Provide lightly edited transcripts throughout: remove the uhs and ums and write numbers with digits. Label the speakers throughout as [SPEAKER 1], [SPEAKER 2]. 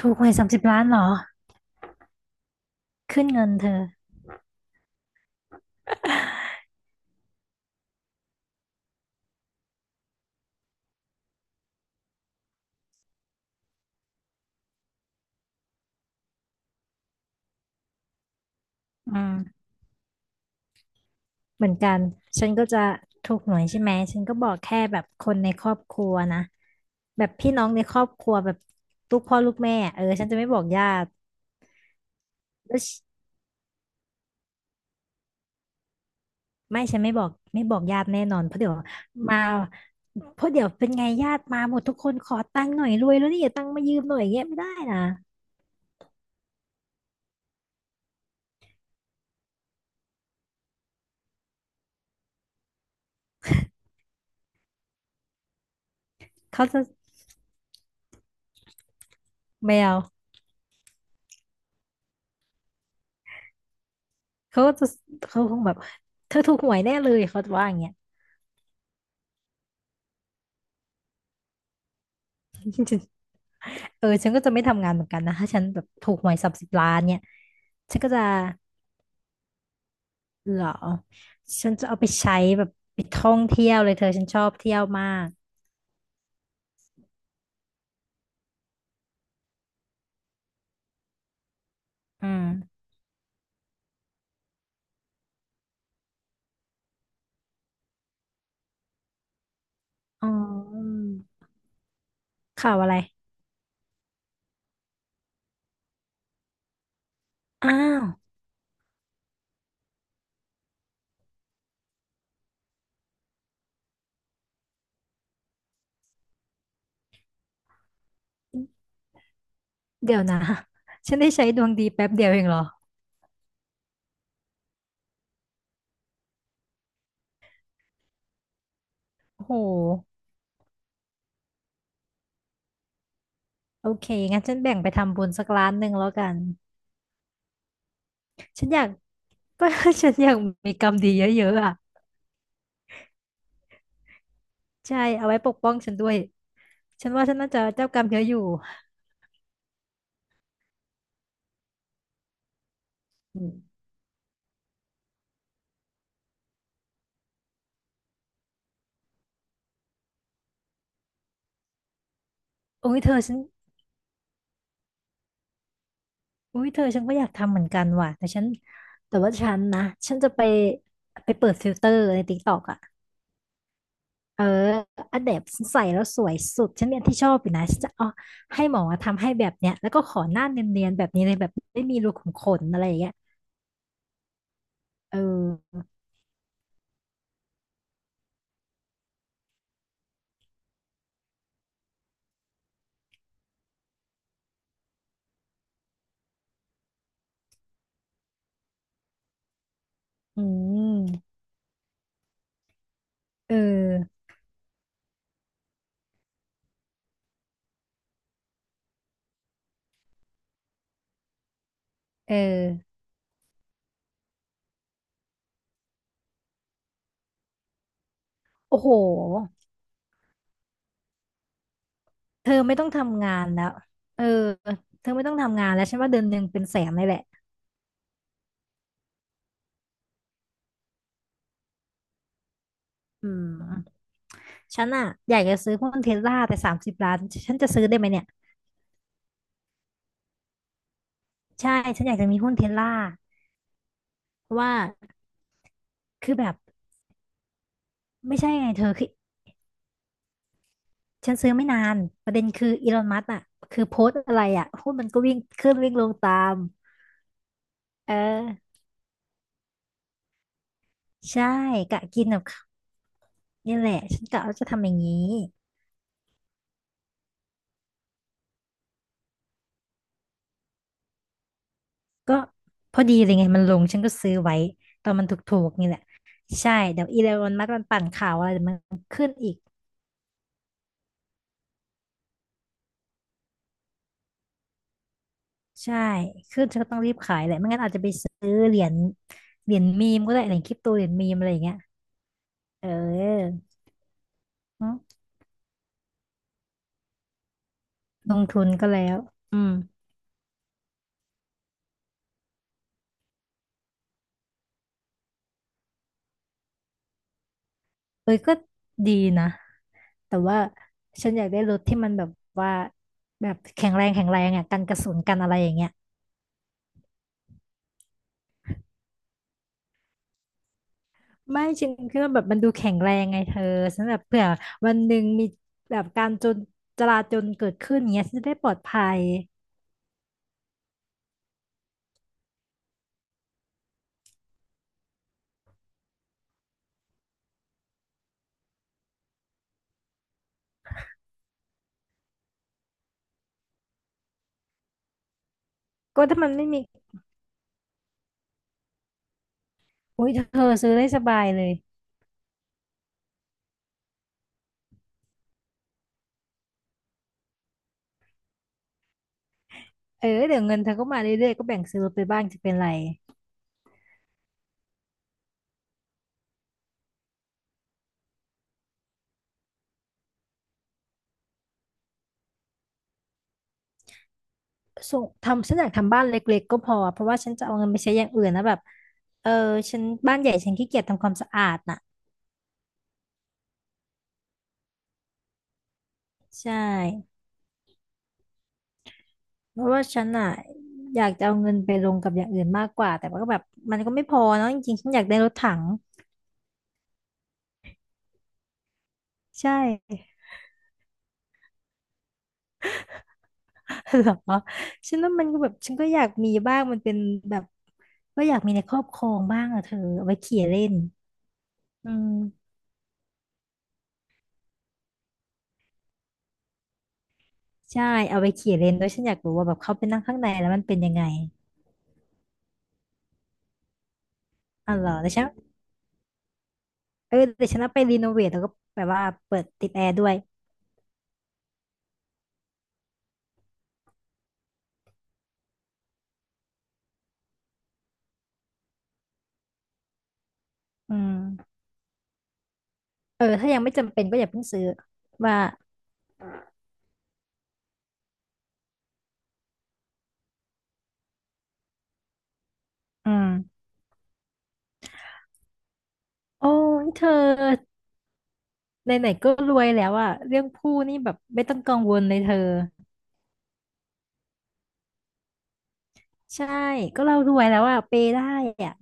[SPEAKER 1] ถูกหวย30 ล้านเหรอขึ้นเงินเธออืมเหมือนกันฉันก็จะถูกหวยใช่ไหมฉันก็บอกแค่แบบคนในครอบครัวนะแบบพี่น้องในครอบครัวแบบลูกพ่อลูกแม่อะเออฉันจะไม่บอกญาติแล้วฉไม่ฉันไม่บอกญาติแน่นอนเพราะเดี๋ยวมาเพราะเดี๋ยวเป็นไงญาติมาหมดทุกคนขอตังค์หน่อยรวยแล้วนี่อย่าตังค์มายืมหน่อยอย่างเงี้ยไม่ได้นะเขาจะไม่เอาเขาก็จะเขาคงแบบเธอถูกหวยแน่เลยเขาจะว่าอย่างเงี้ย เออฉันก็จะไม่ทำงานเหมือนกันนะถ้าฉันแบบถูกหวยสามสิบล้านเนี่ยฉันก็จะเหรอฉันจะเอาไปใช้แบบไปท่องเที่ยวเลยเธอฉันชอบเที่ยวมากอืมอ๋อข่าวอะไรอ้าวเดี๋ยวนะฉันได้ใช้ดวงดีแป๊บเดียวเองเหรอโอ้โหโอเคงั้นฉันแบ่งไปทำบุญสัก1 ล้านแล้วกันฉันอยากก็ ฉันอยากมีกรรมดีเยอะๆอ่ะใช่เอาไว้ปกป้องฉันด้วยฉันว่าฉันน่าจะเจ้ากรรมเยอะอยู่อืมโอ้ยเธอฉัน อุ้ยเธอฉันก็อยากทำเหมือนกันว่ะแต่ฉันแต่ว่าฉันนะฉันจะไปไปเปิดฟิลเตอร์ในติ๊กตอกอ่ะเอออันเดบใส่แล้วสวยสุดฉันเนี่ยที่ชอบอยู่นะฉันจะเอาให้หมอทำให้แบบเนี้ยแล้วก็ขอหน้าเนียนๆแบบนี้เลยแบบไม่มีรูขุมขนอะไรอย่างเงี้ยเอออืมเออเออโอ้โหเธอไม่ต้องทำงานแล้วเออเธอไม่ต้องทำงานแล้วฉันว่าเดือนหนึ่งเป็นแสนเลยแหละอืมฉันอะอยากจะซื้อหุ้นเทสลาแต่สามสิบล้านฉันจะซื้อได้ไหมเนี่ย ใช่ฉันอยากจะมีหุ้นเทสลาเพราะว่าคือแบบไม่ใช่ไงเธอคือฉันซื้อไม่นานประเด็นคืออีลอนมัสก์อ่ะคือโพสต์อะไรอ่ะหุ้นมันก็วิ่งขึ้นวิ่งลงตามเออใช่กะกินแบบเขานี่แหละฉันกะว่าจะทำอย่างนี้ก็พอดีเลยไงมันลงฉันก็ซื้อไว้ตอนมันถูกๆนี่แหละใช่เดี๋ยวอีลอนมัสก์มันปั่นข่าวอะไรเดี๋ยวมันขึ้นอีกใช่ขึ้นฉันก็ต้องรีบขายแหละไม่งั้นอาจจะไปซื้อเหรียญเหรียญมีมก็ได้เหรียญคริปโตเหรียญมีมอะไรอย่างเงี้ยเออ เนอมลงทุนก็แล้ว อืมเอ้ยก็ดีนะ แต่ว่าฉันอยากได้รถที่มันแบบว่าแบบแข็งแรงแข็งแรงอ่ะกันกระสุนกันอะไรอย่างเงี้ยไม่ฉันคิดว่าแบบมันดูแข็งแรงไงเธอฉันแบบเผื่อวันหนึ่งมีแบบการจนจราจนเกิดขึ้นเงี้ยฉันจะได้ปลอดภัยก็ถ้ามันไม่มีโอ้ยเธอซื้อได้สบายเลยเออเดี๋ยวเงินเธอก็มาเรื่อยๆก็แบ่งซื้อรถไปบ้างจะเป็นไร ส่งทำฉันอยากทำบ้านเล็กๆก็พอเพราะว่าฉันจะเอาเงินไปใช้อย่างอื่นนะแบบเออฉันบ้านใหญ่ฉันขี้เกียจทำความสะอาดน่ะใช่เพราะว่าฉันอ่ะอยากจะเอาเงินไปลงกับอย่างอื่นมากกว่าแต่ว่าก็แบบมันก็ไม่พอเนาะจริงๆฉันอยากได้รถถังใช่ เหรอฉันว่ามันก็แบบฉันก็อยากมีบ้างมันเป็นแบบก็อยากมีในครอบครองบ้างอะเธอเอาไว้ขี่เล่นอืมใช่เอาไปขี่เล่นด้วยฉันอยากรู้ว่าแบบเขาไปนั่งข้างในแล้วมันเป็นยังไงอ๋อเหรอแต่ฉัน เออแต่ฉันเอาไปรีโนเวทแล้วก็แบบว่าเปิดติดแอร์ด้วยอืมเออถ้ายังไม่จำเป็นก็อย่าเพิ่งซื้อว่าอืมโอ้ยเธอไหนๆก็รวยแล้วอะเรื่องผู้นี่แบบไม่ต้องกังวลเลยเธอใช่ก็เรารวยแล้วอะเปย์ได้อะ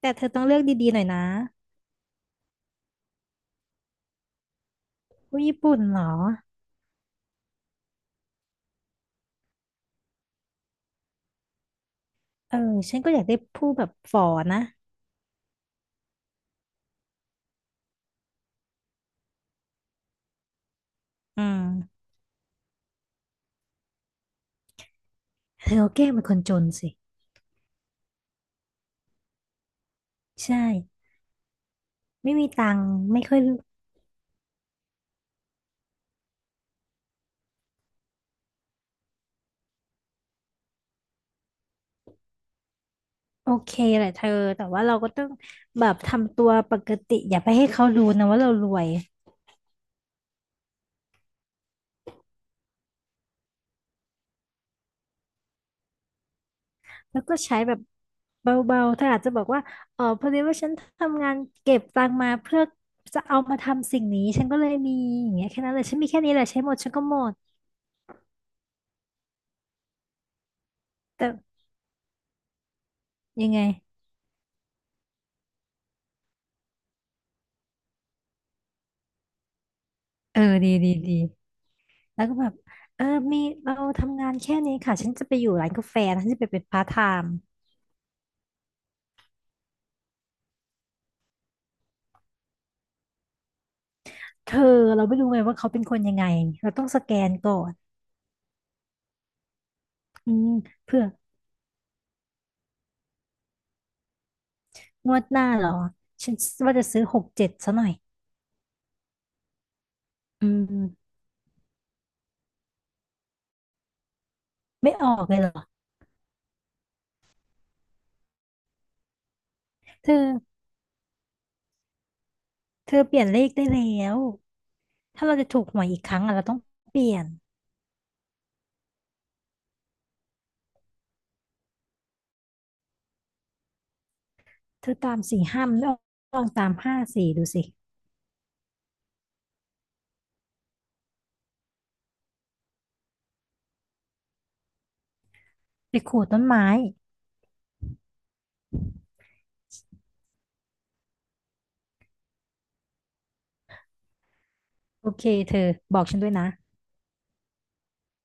[SPEAKER 1] แต่เธอต้องเลือกดีๆหน่อยนะผู้ญี่ปุ่นเหรอเออฉันก็อยากได้ผู้แบบฝอนะอืมเธอก็แกล้งเป็นคนจนสิใช่ไม่มีตังค์ไม่ค่อย โอเคแหละเธอแต่ว่าเราก็ต้องแบบทำตัวปกติอย่าไปให้เขารู้นะว่าเรารวยแล้วก็ใช้แบบเบาๆเธออาจจะบอกว่าเออพอดีว่าฉันทำงานเก็บตังค์มาเพื่อจะเอามาทำสิ่งนี้ฉันก็เลยมีอย่างเงี้ยแค่นั้นเลยฉันมีแค่นี้แหละใช้หมดฉันก็หมดแต่ยังไงเออดีแล้วก็แบบเออมีเราทำงานแค่นี้ค่ะฉันจะไปอยู่ร้านกาแฟนะฉันจะไปเป็นพาร์ทไทม์เธอเราไม่รู้ไงว่าเขาเป็นคนยังไงเราต้องสแกนก่อนอืมเผื่อ งวดหน้าเหรอฉันว่าจะซื้อ67ซะหน่อยอืมไม่ออกเลยเหรอเธอเธอเปลี่ยนเลขได้แล้วถ้าเราจะถูกหวยอีกครั้งอะเราต้องเปลี่ยนเธอตาม45มันไม่ออกลองตาม54ดูสิไปขูดต้นไม้โอเคเธอบอกฉันด้วยนะ